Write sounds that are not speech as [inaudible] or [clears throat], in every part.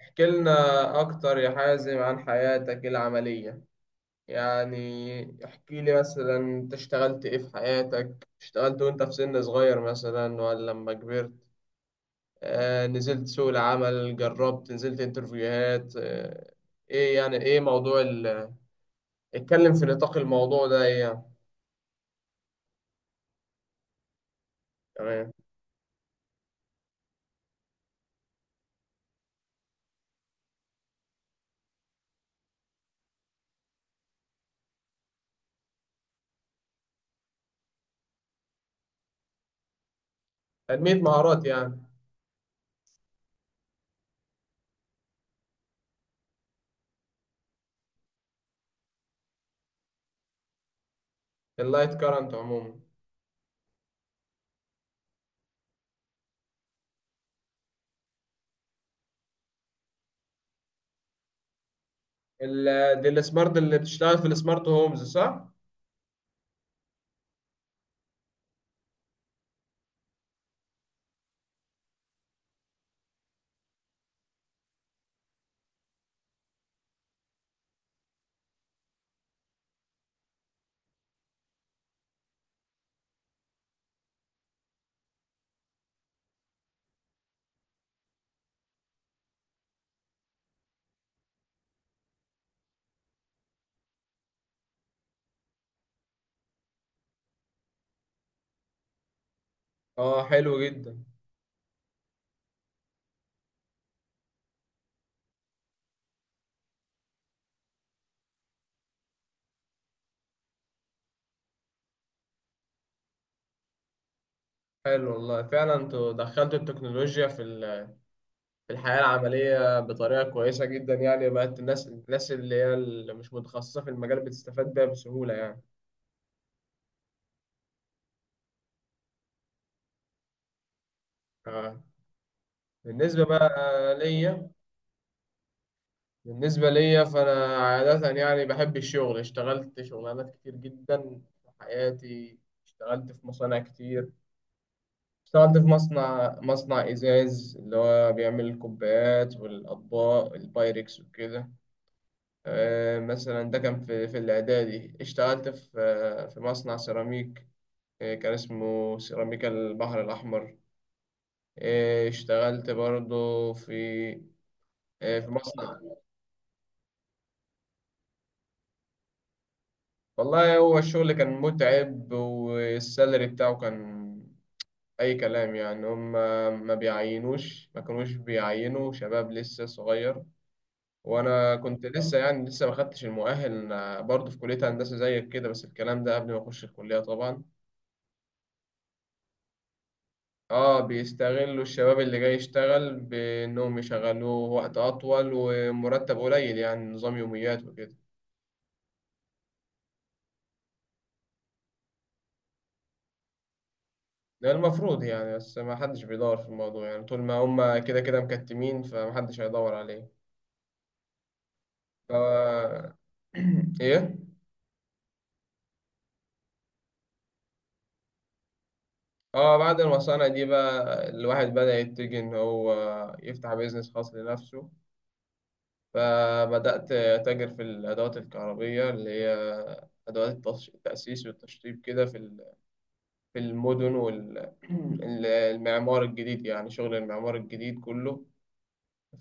احكي لنا أكتر يا حازم عن حياتك العملية يعني احكي لي مثلا أنت اشتغلت إيه في حياتك، اشتغلت وأنت في سن صغير مثلا ولا لما كبرت؟ آه، نزلت سوق العمل، جربت، نزلت انترفيوهات. إيه موضوع اتكلم في نطاق الموضوع ده، إيه يعني؟ تمام. تنمية مهارات يعني؟ اللايت كارنت عموما. ال... دي السمارت اللي بتشتغل في السمارت هومز صح؟ اه، حلو جدا. حلو والله، فعلا انتوا دخلتوا التكنولوجيا في في الحياة العملية بطريقة كويسة جدا، يعني بقت الناس اللي هي اللي مش متخصصة في المجال بتستفاد بيها بسهولة يعني. آه. بالنسبة بقى ليا، بالنسبة ليا فأنا عادة يعني بحب الشغل، اشتغلت شغلانات كتير جدا في حياتي. اشتغلت في مصانع كتير، اشتغلت في مصنع إزاز اللي هو بيعمل الكوبايات والأطباق البايركس وكده. مثلا ده كان في الإعدادي، اشتغلت في مصنع سيراميك، كان اسمه سيراميكا البحر الأحمر. اشتغلت برضه في مصنع. والله هو الشغل كان متعب، والسالري بتاعه كان أي كلام يعني. هم ما كانوش بيعينوا شباب لسه صغير، وأنا كنت لسه، يعني لسه ما خدتش المؤهل. أنا برضه في كلية هندسة زيك كده، بس الكلام ده قبل ما أخش الكلية طبعا. اه، بيستغلوا الشباب اللي جاي يشتغل بانهم يشغلوه وقت اطول ومرتب قليل، يعني نظام يوميات وكده. ده المفروض يعني، بس ما حدش بيدور في الموضوع يعني، طول ما هم كده كده مكتمين فما حدش هيدور عليه. ف [clears throat] ايه اه، بعد المصانع دي بقى الواحد بدأ يتجه ان هو يفتح بيزنس خاص لنفسه. فبدأت أتاجر في الأدوات الكهربية اللي هي أدوات التأسيس والتشطيب كده في المدن والمعمار [clears throat] الجديد، يعني شغل المعمار الجديد كله.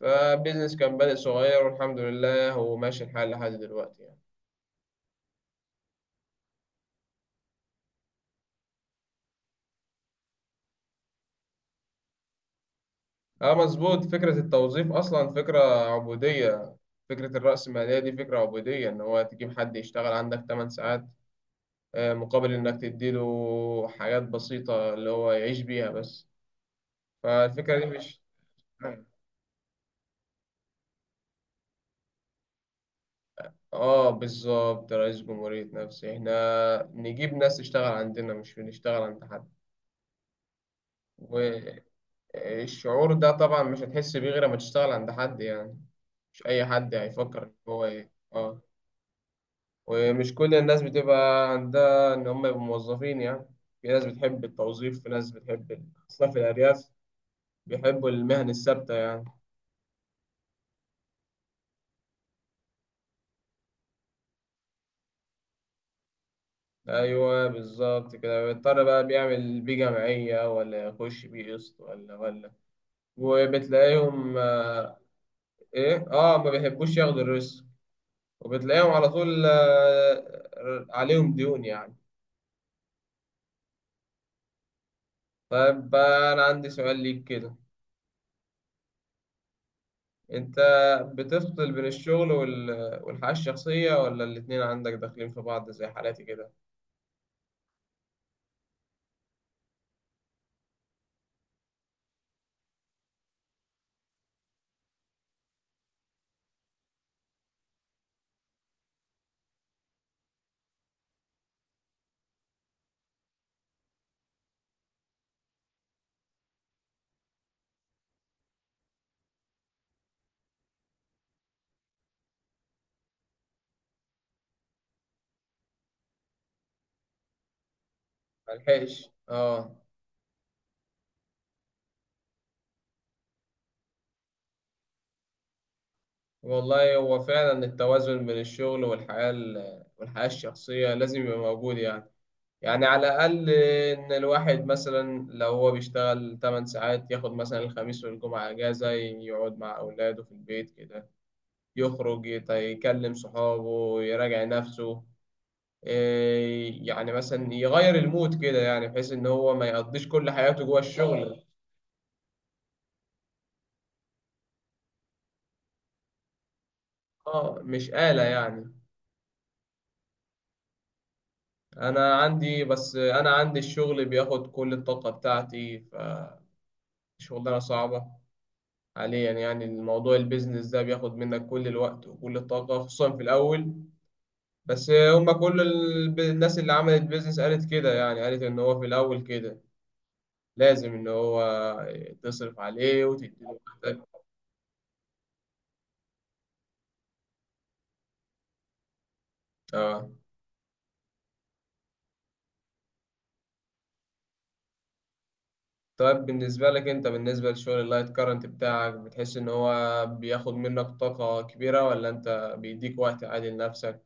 فبيزنس كان بادئ صغير، والحمد لله هو ماشي الحال لحد دلوقتي يعني. اه، مظبوط. فكرة التوظيف أصلا فكرة عبودية. فكرة الرأسمالية دي فكرة عبودية، إن هو تجيب حد يشتغل عندك 8 ساعات، مقابل إنك تديله حاجات بسيطة اللي هو يعيش بيها بس. فالفكرة دي مش... اه بالظبط، رئيس جمهورية نفسي. احنا نجيب ناس تشتغل عندنا، مش بنشتغل عند حد. والشعور ده طبعا مش هتحس بيه غير لما تشتغل عند حد يعني. مش أي حد هيفكر إن هو إيه، أه. ومش كل الناس بتبقى عندها إن هم يبقوا موظفين يعني. في ناس بتحب التوظيف، في ناس بتحب خاصة في الأرياف، بيحبوا المهن الثابتة يعني. أيوه بالظبط كده، بيضطر بقى بيعمل بيه جمعية ولا يخش بيه قسط ولا وبتلاقيهم آه، إيه أه، ما بيحبوش ياخدوا الريسك، وبتلاقيهم على طول آه، عليهم ديون يعني. طيب بقى، أنا عندي سؤال ليك كده. أنت بتفصل بين الشغل والحياة الشخصية، ولا الاتنين عندك داخلين في بعض زي حالاتي كده؟ ملحقش، آه. والله هو فعلا التوازن بين الشغل والحياة الشخصية لازم يبقى موجود يعني. يعني على الأقل إن الواحد مثلا لو هو بيشتغل 8 ساعات، ياخد مثلا الخميس والجمعة أجازة، يقعد مع أولاده في البيت كده، يخرج يكلم صحابه، يراجع نفسه، إيه، يعني مثلا يغير المود كده، يعني بحيث ان هو ما يقضيش كل حياته جوه الشغل. اه، مش آلة يعني. انا عندي الشغل بياخد كل الطاقة بتاعتي، فشغلانة صعبة حاليا يعني. الموضوع البيزنس ده بياخد منك كل الوقت وكل الطاقة، خصوصا في الاول. بس هما كل الناس اللي عملت بيزنس قالت كده يعني، قالت ان هو في الاول كده لازم ان هو تصرف عليه وتديله وقتك. اه. طيب بالنسبة لك انت، بالنسبة لشغل اللايت كارنت بتاعك، بتحس ان هو بياخد منك طاقة كبيرة، ولا انت بيديك وقت عادي لنفسك؟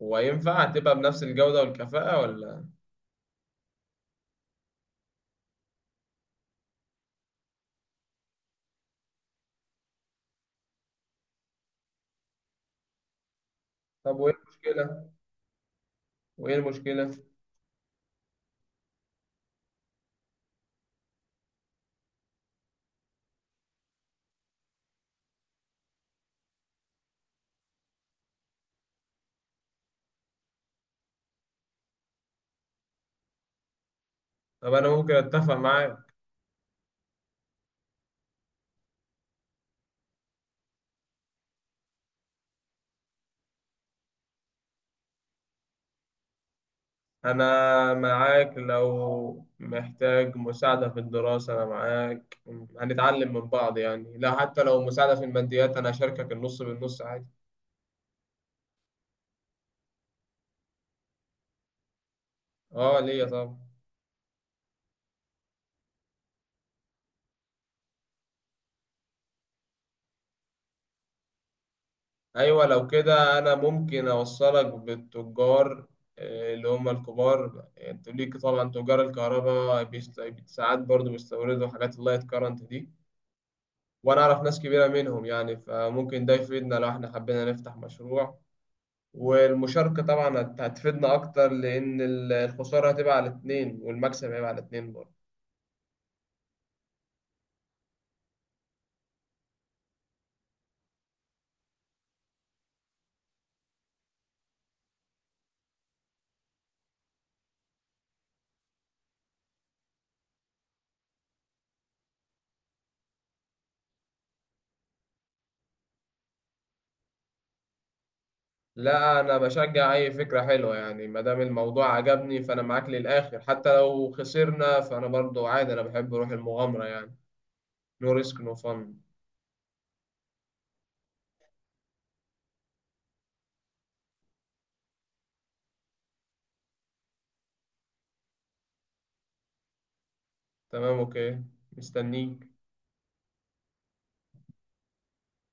وينفع تبقى بنفس الجودة والكفاءة ولا؟ طب وايه المشكلة؟ وايه المشكلة؟ طب انا ممكن اتفق معاك. انا معاك، لو محتاج مساعدة في الدراسة انا معاك، هنتعلم من بعض يعني. لا حتى لو مساعدة في الماديات انا اشاركك النص بالنص عادي. اه ليا طبعا. ايوه لو كده انا ممكن اوصلك بالتجار، آه، اللي هم الكبار يعني. انت ليك طبعا تجار الكهرباء ساعات برضو بيستوردوا حاجات اللايت كارنت دي، وانا اعرف ناس كبيره منهم يعني، فممكن ده يفيدنا لو احنا حبينا نفتح مشروع. والمشاركه طبعا هتفيدنا اكتر، لان الخساره هتبقى على اتنين والمكسب هيبقى على اتنين برضه. لا انا بشجع اي فكره حلوه يعني، ما دام الموضوع عجبني فانا معاك للاخر، حتى لو خسرنا فانا برضو عادي، انا بحب روح المغامره يعني. نو ريسك نو فن. تمام، اوكي. مستنيك.